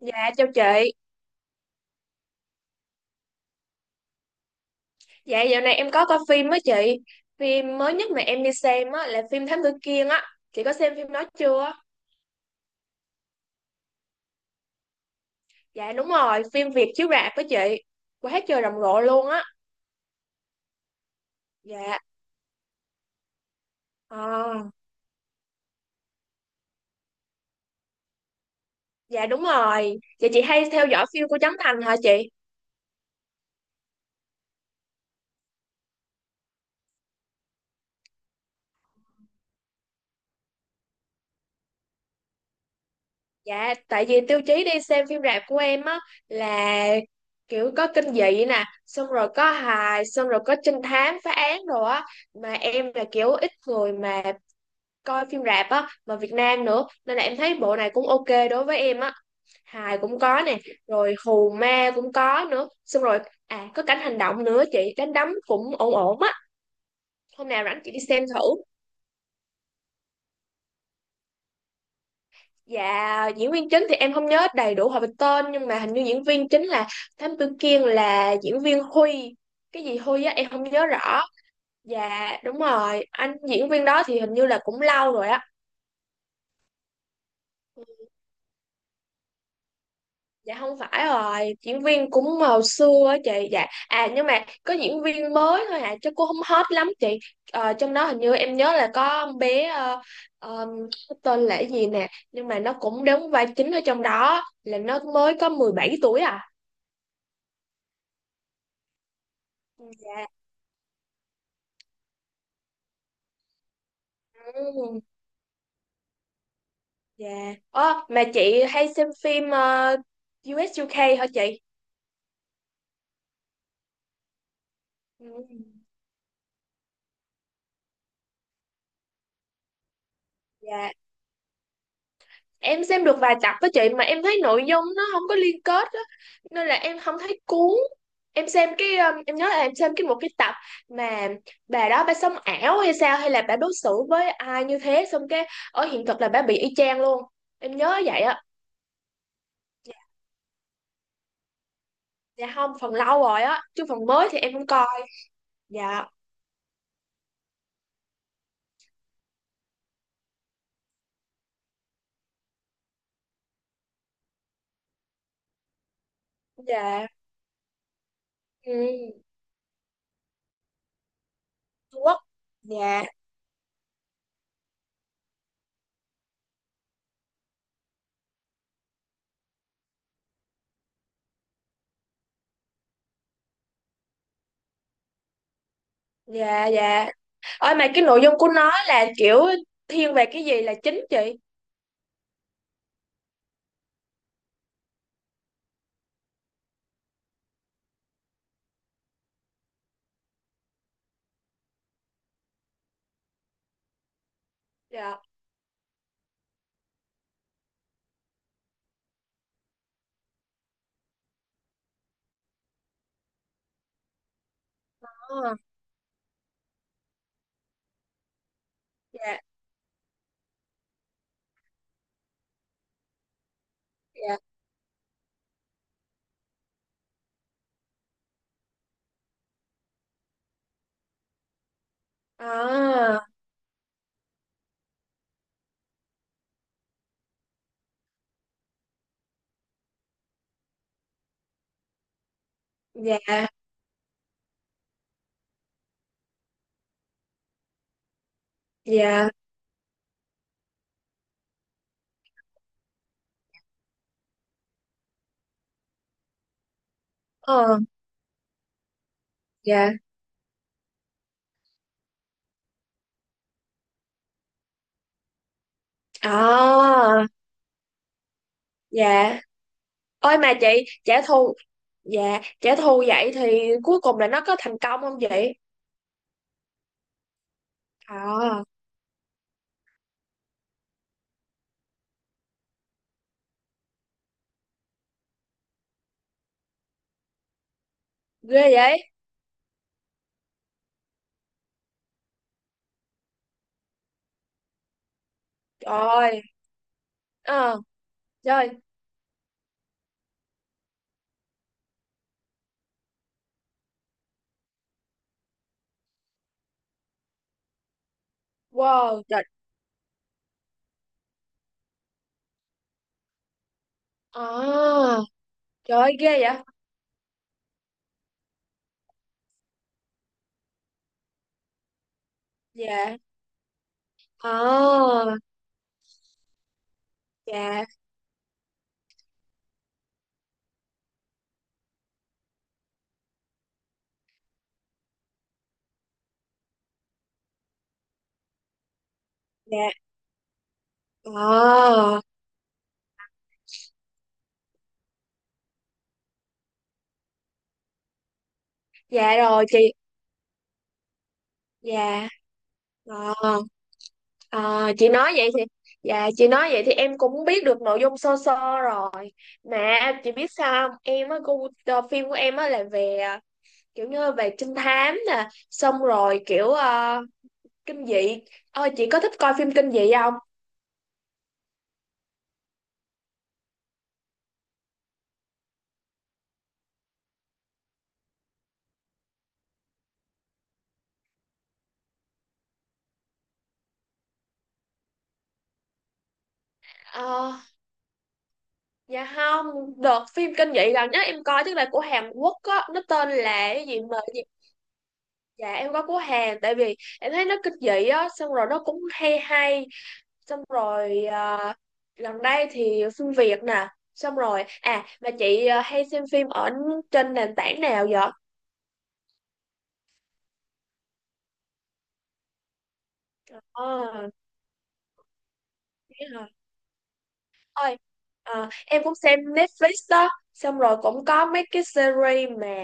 Dạ chào chị. Dạ dạo này em có coi phim á chị. Phim mới nhất mà em đi xem á là phim Thám Tử Kiên á. Chị có xem phim đó chưa? Dạ đúng rồi, phim Việt chiếu rạp với chị. Quá trời rầm rộ luôn á. Dạ, ờ, dạ đúng rồi. Dạ chị hay theo dõi phim của Trấn Thành hả chị? Dạ, tại vì tiêu chí đi xem phim rạp của em á là kiểu có kinh dị nè. Xong rồi có hài, xong rồi có trinh thám, phá án rồi á. Mà em là kiểu ít người mà coi phim rạp á mà Việt Nam nữa nên là em thấy bộ này cũng ok đối với em á. Hài cũng có nè, rồi hù ma cũng có nữa, xong rồi à có cảnh hành động nữa, chị đánh đấm cũng ổn ổn á. Hôm nào rảnh chị đi xem thử. Dạ diễn viên chính thì em không nhớ đầy đủ họ về tên nhưng mà hình như diễn viên chính là Thám Tử Kiên là diễn viên Huy, cái gì Huy á em không nhớ rõ. Dạ đúng rồi, anh diễn viên đó thì hình như là cũng lâu rồi á. Ừ, dạ không phải rồi, diễn viên cũng hồi xưa á chị. Dạ à nhưng mà có diễn viên mới thôi à chứ cô không hot lắm chị. Ờ, trong đó hình như em nhớ là có con bé ờ, cái tên là cái gì nè, nhưng mà nó cũng đóng vai chính ở trong đó, là nó mới có 17 tuổi à. Dạ. Ừ, dạ. Ơ, mà chị hay xem phim ờ, u UK hả chị? Ừ, dạ em xem được vài tập với chị mà em thấy nội dung nó không có liên kết á, nên là em không thấy cuốn. Em xem cái em nhớ là em xem cái một cái tập mà bà đó bà sống ảo hay sao, hay là bà đối xử với ai như thế, xong cái ở hiện thực là bà bị y chang luôn. Em nhớ vậy á. Dạ. Dạ không, phần lâu rồi á chứ phần mới thì em không coi. Dạ. Dạ. Ừ. Trung Quốc. Dạ. Dạ ôi mà cái nội dung của nó là kiểu thiên về cái gì là chính chị? Dạ. Ờ, dạ. Dạ. À. Dạ. Dạ. Ờ. Dạ. À. Dạ. Ôi mà chị, trả thù, dạ, trả thù vậy thì cuối cùng là nó có thành công không chị? À, ghê vậy. Trời. Ờ. Trời. Wow, trời. À. Trời ơi, ghê vậy. Dạ. À. Dạ. Dạ. À. Dạ rồi chị. Dạ. À. À, chị nói vậy thì dạ, chị nói vậy thì em cũng biết được nội dung sơ sơ rồi. Mà chị biết sao không, em á gu- phim của em á là về kiểu như về trinh thám nè, xong rồi kiểu kinh dị. Ờ, chị có thích coi phim kinh dị không? Ờ, dạ không. Đợt phim kinh dị gần nhất em coi tức là của Hàn Quốc á, nó tên là cái gì mà gì. Dạ em có của Hàn, tại vì em thấy nó kinh dị á, xong rồi nó cũng hay hay. Xong rồi à, gần đây thì phim Việt nè. Xong rồi à mà chị, à, hay xem phim ở trên nền tảng nào vậy? Ờ, thế hả. Ơi. À, em cũng xem Netflix đó, xong rồi cũng có mấy cái series mà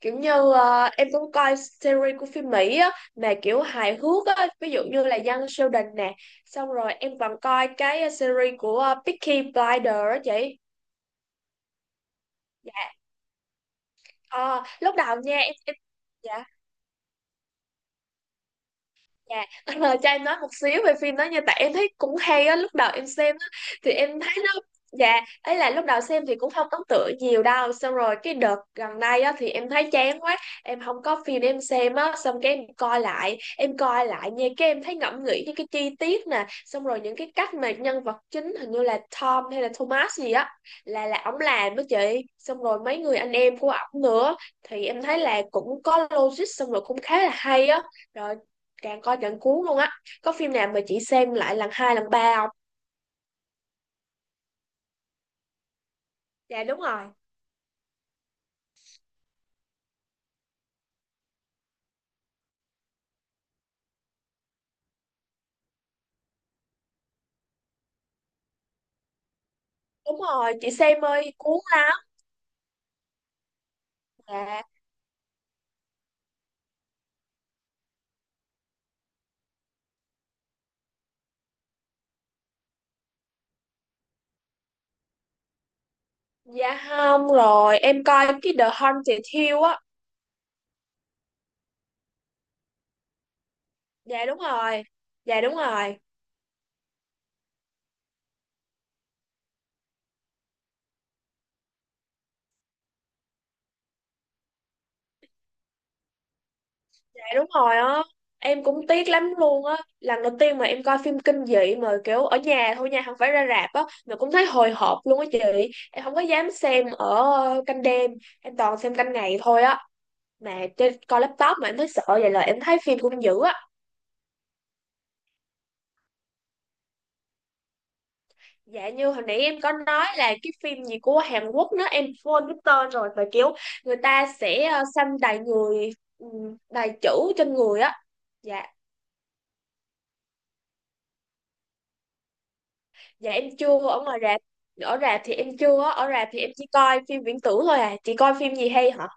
kiểu như à, em cũng coi series của phim Mỹ á mà kiểu hài hước á, ví dụ như là Young Sheldon nè. Xong rồi em còn coi cái series của Peaky Blinders á chị. Dạ. Ờ, lúc đầu nha em dạ. Dạ, cho em nói một xíu về phim đó nha. Tại em thấy cũng hay á, lúc đầu em xem á. Thì em thấy nó, dạ ấy là lúc đầu xem thì cũng không ấn tượng nhiều đâu. Xong rồi cái đợt gần đây á thì em thấy chán quá. Em không có phim để em xem á. Xong cái em coi lại nha. Cái em thấy ngẫm nghĩ những cái chi tiết nè. Xong rồi những cái cách mà nhân vật chính hình như là Tom hay là Thomas gì á, là ổng làm đó chị. Xong rồi mấy người anh em của ổng nữa. Thì em thấy là cũng có logic, xong rồi cũng khá là hay á. Rồi. Càng coi càng cuốn luôn á. Có phim nào mà chị xem lại lần hai lần ba không? Dạ đúng rồi. Đúng rồi, chị xem ơi cuốn lắm. Dạ. Dạ không rồi, em coi cái The Haunted Hill á. Dạ đúng rồi. Dạ đúng rồi. Dạ đúng rồi á. Em cũng tiếc lắm luôn á. Lần đầu tiên mà em coi phim kinh dị mà kiểu ở nhà thôi nha, không phải ra rạp á, mà cũng thấy hồi hộp luôn á chị. Em không có dám xem ở canh đêm, em toàn xem canh ngày thôi á. Mà trên coi laptop mà em thấy sợ vậy là em thấy phim cũng dữ á. Dạ như hồi nãy em có nói là cái phim gì của Hàn Quốc, nữa em quên cái tên rồi, và kiểu người ta sẽ xăm đầy người, đầy chữ trên người á. Dạ. Dạ em chưa ở ngoài rạp, ở rạp thì em chưa á. Ở rạp thì em chỉ coi phim viễn tưởng thôi à. Chị coi phim gì hay hả?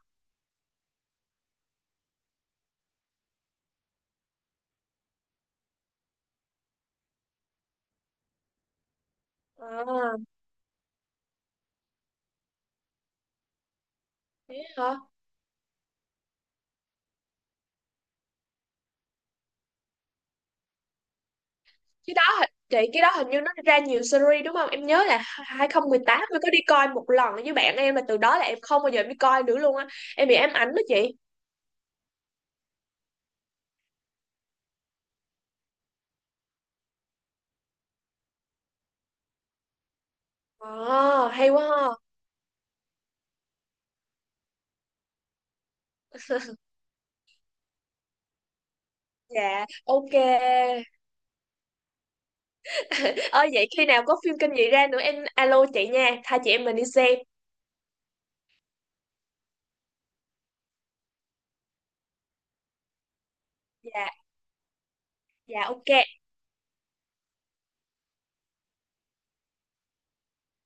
À, thế hả. Cái đó hình- chị cái đó hình như nó ra nhiều series đúng không? Em nhớ là 2018 mới có đi coi một lần với bạn em mà từ đó là em không bao giờ em đi coi nữa luôn á. Em bị ám ảnh đó chị. À, hay quá ha. Dạ, ok. Ơ vậy khi nào có phim kinh dị ra nữa em alo chị nha, hai chị em mình đi xem. Dạ, dạ ok.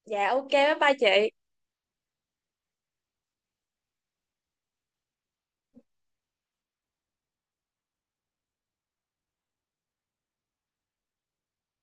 Dạ ok, bye bye chị.